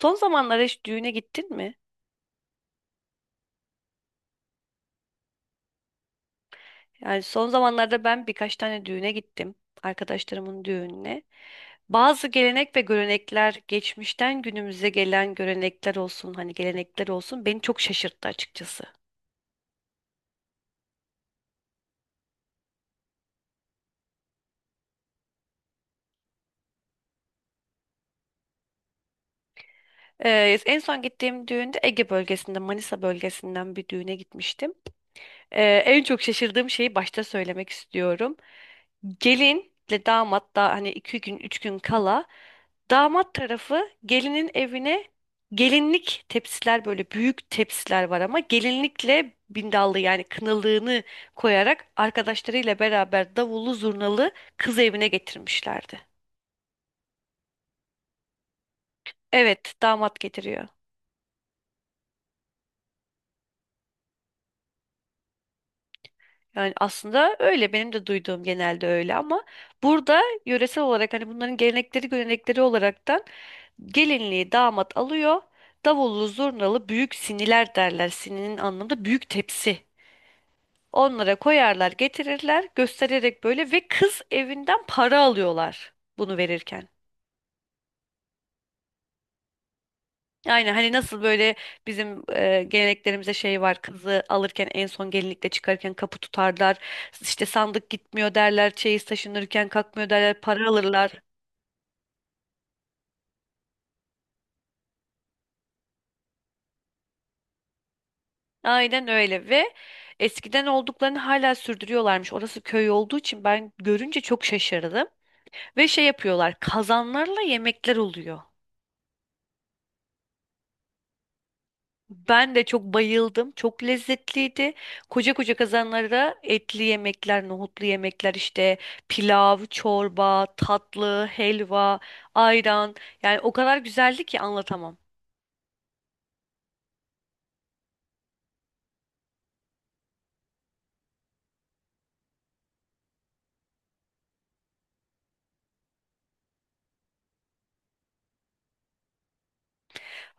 Son zamanlarda hiç düğüne gittin mi? Yani son zamanlarda ben birkaç tane düğüne gittim. Arkadaşlarımın düğününe. Bazı gelenek ve görenekler geçmişten günümüze gelen görenekler olsun hani gelenekler olsun beni çok şaşırttı açıkçası. En son gittiğim düğünde Ege bölgesinde Manisa bölgesinden bir düğüne gitmiştim. En çok şaşırdığım şeyi başta söylemek istiyorum. Gelinle damat da hani iki gün üç gün kala damat tarafı gelinin evine gelinlik tepsiler böyle büyük tepsiler var ama gelinlikle bindallı yani kınalığını koyarak arkadaşlarıyla beraber davullu zurnalı kız evine getirmişlerdi. Evet, damat getiriyor. Yani aslında öyle, benim de duyduğum genelde öyle, ama burada yöresel olarak hani bunların gelenekleri görenekleri olaraktan gelinliği damat alıyor. Davullu zurnalı büyük siniler derler. Sininin anlamda büyük tepsi. Onlara koyarlar, getirirler, göstererek böyle ve kız evinden para alıyorlar bunu verirken. Yani hani nasıl böyle bizim geleneklerimize şey var, kızı alırken en son gelinlikle çıkarken kapı tutarlar, işte sandık gitmiyor derler, çeyiz taşınırken kalkmıyor derler, para alırlar. Aynen öyle ve eskiden olduklarını hala sürdürüyorlarmış. Orası köy olduğu için ben görünce çok şaşırdım. Ve şey yapıyorlar, kazanlarla yemekler oluyor. Ben de çok bayıldım. Çok lezzetliydi. Koca koca kazanlara etli yemekler, nohutlu yemekler, işte pilav, çorba, tatlı, helva, ayran. Yani o kadar güzeldi ki anlatamam.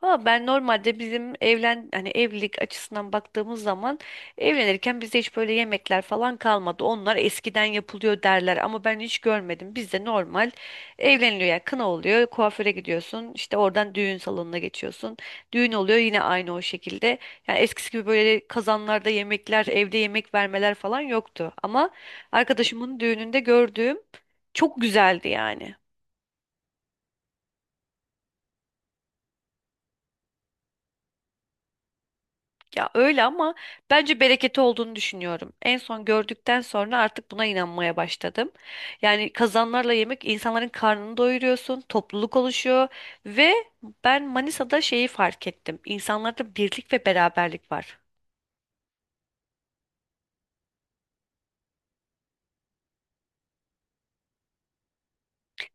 Ama ben normalde bizim hani evlilik açısından baktığımız zaman, evlenirken bizde hiç böyle yemekler falan kalmadı. Onlar eskiden yapılıyor derler ama ben hiç görmedim. Bizde normal evleniliyor yani, kına oluyor, kuaföre gidiyorsun, işte oradan düğün salonuna geçiyorsun. Düğün oluyor yine aynı o şekilde. Yani eskisi gibi böyle kazanlarda yemekler, evde yemek vermeler falan yoktu. Ama arkadaşımın düğününde gördüğüm çok güzeldi yani. Ya öyle ama bence bereketi olduğunu düşünüyorum. En son gördükten sonra artık buna inanmaya başladım. Yani kazanlarla yemek insanların karnını doyuruyorsun, topluluk oluşuyor ve ben Manisa'da şeyi fark ettim. İnsanlarda birlik ve beraberlik var.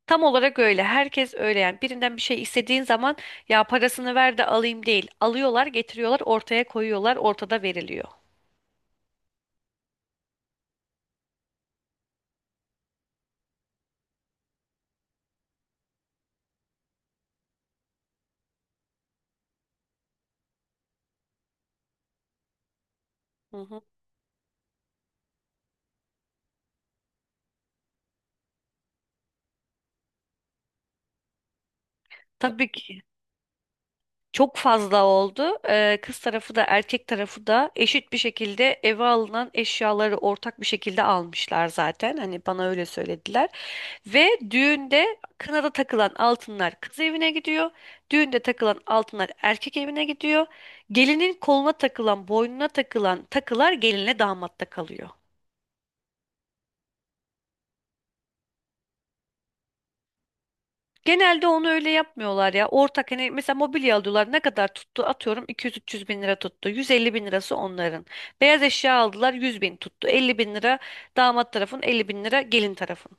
Tam olarak öyle. Herkes öyle yani. Birinden bir şey istediğin zaman, ya parasını ver de alayım değil. Alıyorlar, getiriyorlar, ortaya koyuyorlar, ortada veriliyor. Hı hı. Tabii ki. Çok fazla oldu. Kız tarafı da erkek tarafı da eşit bir şekilde eve alınan eşyaları ortak bir şekilde almışlar zaten. Hani bana öyle söylediler. Ve düğünde kınada takılan altınlar kız evine gidiyor. Düğünde takılan altınlar erkek evine gidiyor. Gelinin koluna takılan, boynuna takılan takılar gelinle damatta kalıyor. Genelde onu öyle yapmıyorlar ya. Ortak hani, mesela mobilya alıyorlar. Ne kadar tuttu? Atıyorum 200-300 bin lira tuttu. 150 bin lirası onların. Beyaz eşya aldılar, 100 bin tuttu. 50 bin lira damat tarafın, 50 bin lira gelin tarafın.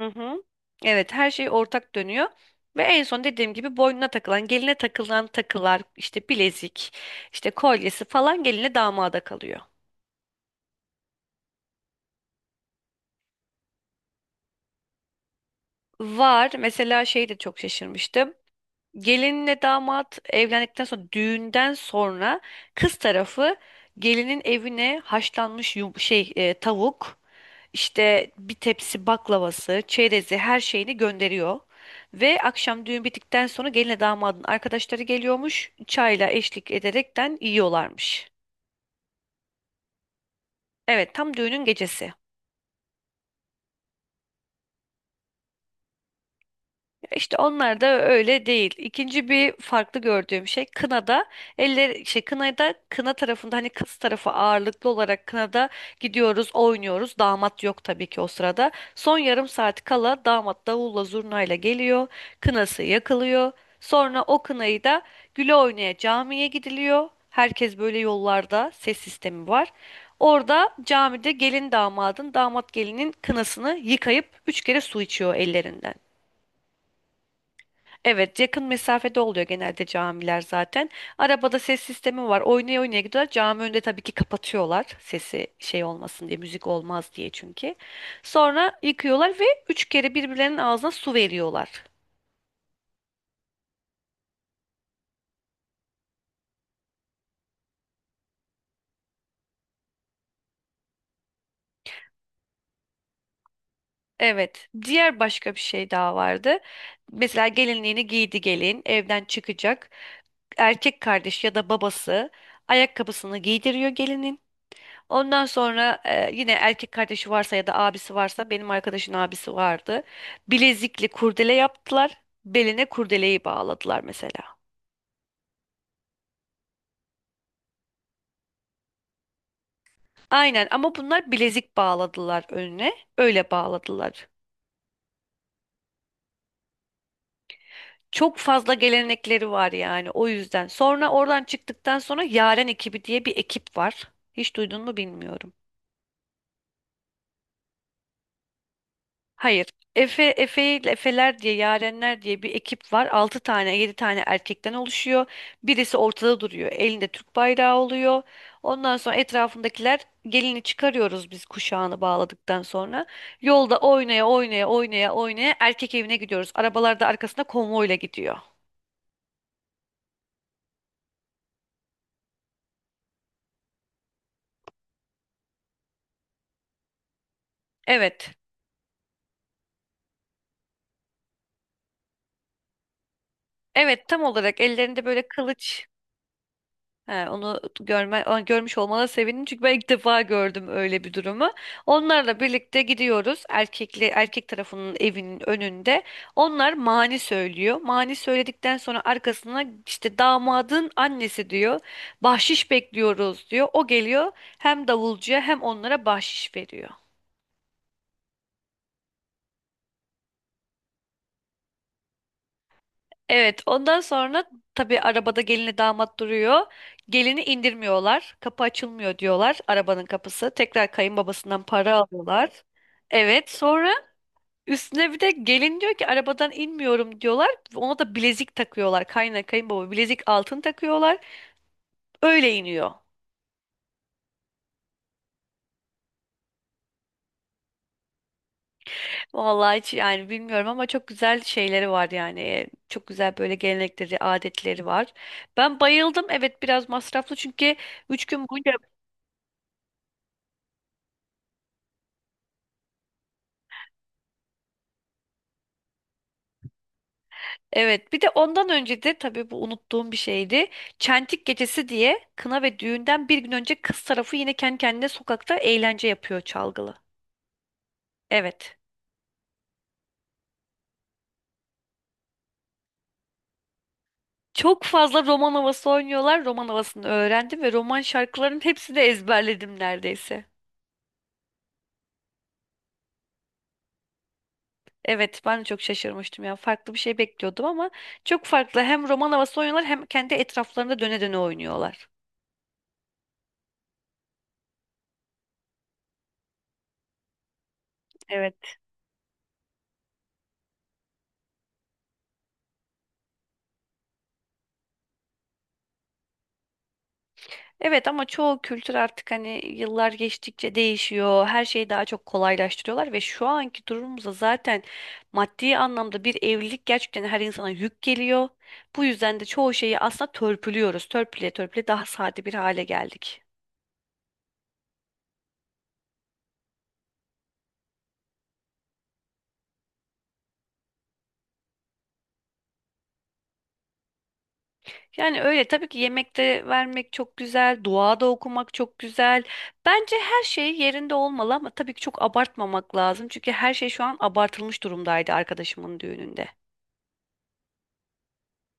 Hı hı. Evet, her şey ortak dönüyor. Ve en son dediğim gibi boynuna takılan, geline takılan takılar, işte bilezik, işte kolyesi falan geline damada kalıyor. Var. Mesela şey de çok şaşırmıştım. Gelinle damat evlendikten sonra, düğünden sonra kız tarafı gelinin evine haşlanmış tavuk, işte bir tepsi baklavası, çerezi, her şeyini gönderiyor. Ve akşam düğün bittikten sonra gelinle damadın arkadaşları geliyormuş. Çayla eşlik ederekten yiyorlarmış. Evet, tam düğünün gecesi. İşte onlar da öyle değil. İkinci bir farklı gördüğüm şey kınada eller şey kınada, kına tarafında hani kız tarafı ağırlıklı olarak kınada gidiyoruz, oynuyoruz. Damat yok tabii ki o sırada. Son yarım saat kala damat davulla zurnayla geliyor. Kınası yakılıyor. Sonra o kınayı da güle oynaya camiye gidiliyor. Herkes böyle, yollarda ses sistemi var. Orada camide gelin damadın, damat gelinin kınasını yıkayıp üç kere su içiyor ellerinden. Evet, yakın mesafede oluyor genelde camiler zaten. Arabada ses sistemi var. Oynaya oynaya gidiyorlar. Cami önünde tabii ki kapatıyorlar. Sesi şey olmasın diye, müzik olmaz diye çünkü. Sonra yıkıyorlar ve üç kere birbirlerinin ağzına su veriyorlar. Evet, diğer başka bir şey daha vardı. Mesela gelinliğini giydi gelin, evden çıkacak. Erkek kardeş ya da babası ayakkabısını giydiriyor gelinin. Ondan sonra yine erkek kardeşi varsa ya da abisi varsa, benim arkadaşın abisi vardı. Bilezikli kurdele yaptılar. Beline kurdeleyi bağladılar mesela. Aynen, ama bunlar bilezik bağladılar önüne. Öyle bağladılar. Çok fazla gelenekleri var yani o yüzden. Sonra oradan çıktıktan sonra Yaren ekibi diye bir ekip var. Hiç duydun mu bilmiyorum. Hayır. Efeler diye, Yarenler diye bir ekip var. 6 tane, 7 tane erkekten oluşuyor. Birisi ortada duruyor. Elinde Türk bayrağı oluyor. Ondan sonra etrafındakiler gelini çıkarıyoruz biz, kuşağını bağladıktan sonra. Yolda oynaya oynaya oynaya oynaya erkek evine gidiyoruz. Arabalar da arkasında konvoyla gidiyor. Evet. Evet, tam olarak ellerinde böyle kılıç. He, görmüş olmana sevindim çünkü ben ilk defa gördüm öyle bir durumu. Onlarla birlikte gidiyoruz erkek tarafının evinin önünde. Onlar mani söylüyor. Mani söyledikten sonra arkasına işte damadın annesi diyor. Bahşiş bekliyoruz diyor. O geliyor, hem davulcuya hem onlara bahşiş veriyor. Evet, ondan sonra tabii arabada gelinle damat duruyor. Gelini indirmiyorlar. Kapı açılmıyor diyorlar, arabanın kapısı. Tekrar kayınbabasından para alıyorlar. Evet, sonra üstüne bir de gelin diyor ki arabadan inmiyorum diyorlar. Ona da bilezik takıyorlar. Kayınbaba bilezik altın takıyorlar. Öyle iniyor. Vallahi hiç yani bilmiyorum ama çok güzel şeyleri var yani. Çok güzel böyle gelenekleri, adetleri var. Ben bayıldım. Evet, biraz masraflı çünkü 3 gün boyunca. Evet, bir de ondan önce de tabii bu unuttuğum bir şeydi. Çentik gecesi diye, kına ve düğünden bir gün önce kız tarafı yine kendi kendine sokakta eğlence yapıyor çalgılı. Evet. Çok fazla roman havası oynuyorlar. Roman havasını öğrendim ve roman şarkılarının hepsini de ezberledim neredeyse. Evet, ben de çok şaşırmıştım ya. Farklı bir şey bekliyordum ama çok farklı. Hem roman havası oynuyorlar hem kendi etraflarında döne döne oynuyorlar. Evet. Evet ama çoğu kültür artık hani yıllar geçtikçe değişiyor. Her şeyi daha çok kolaylaştırıyorlar ve şu anki durumumuzda zaten maddi anlamda bir evlilik gerçekten her insana yük geliyor. Bu yüzden de çoğu şeyi aslında törpülüyoruz. Törpüle törpüle daha sade bir hale geldik. Yani öyle, tabii ki yemekte vermek çok güzel, dua da okumak çok güzel. Bence her şey yerinde olmalı ama tabii ki çok abartmamak lazım. Çünkü her şey şu an abartılmış durumdaydı arkadaşımın düğününde.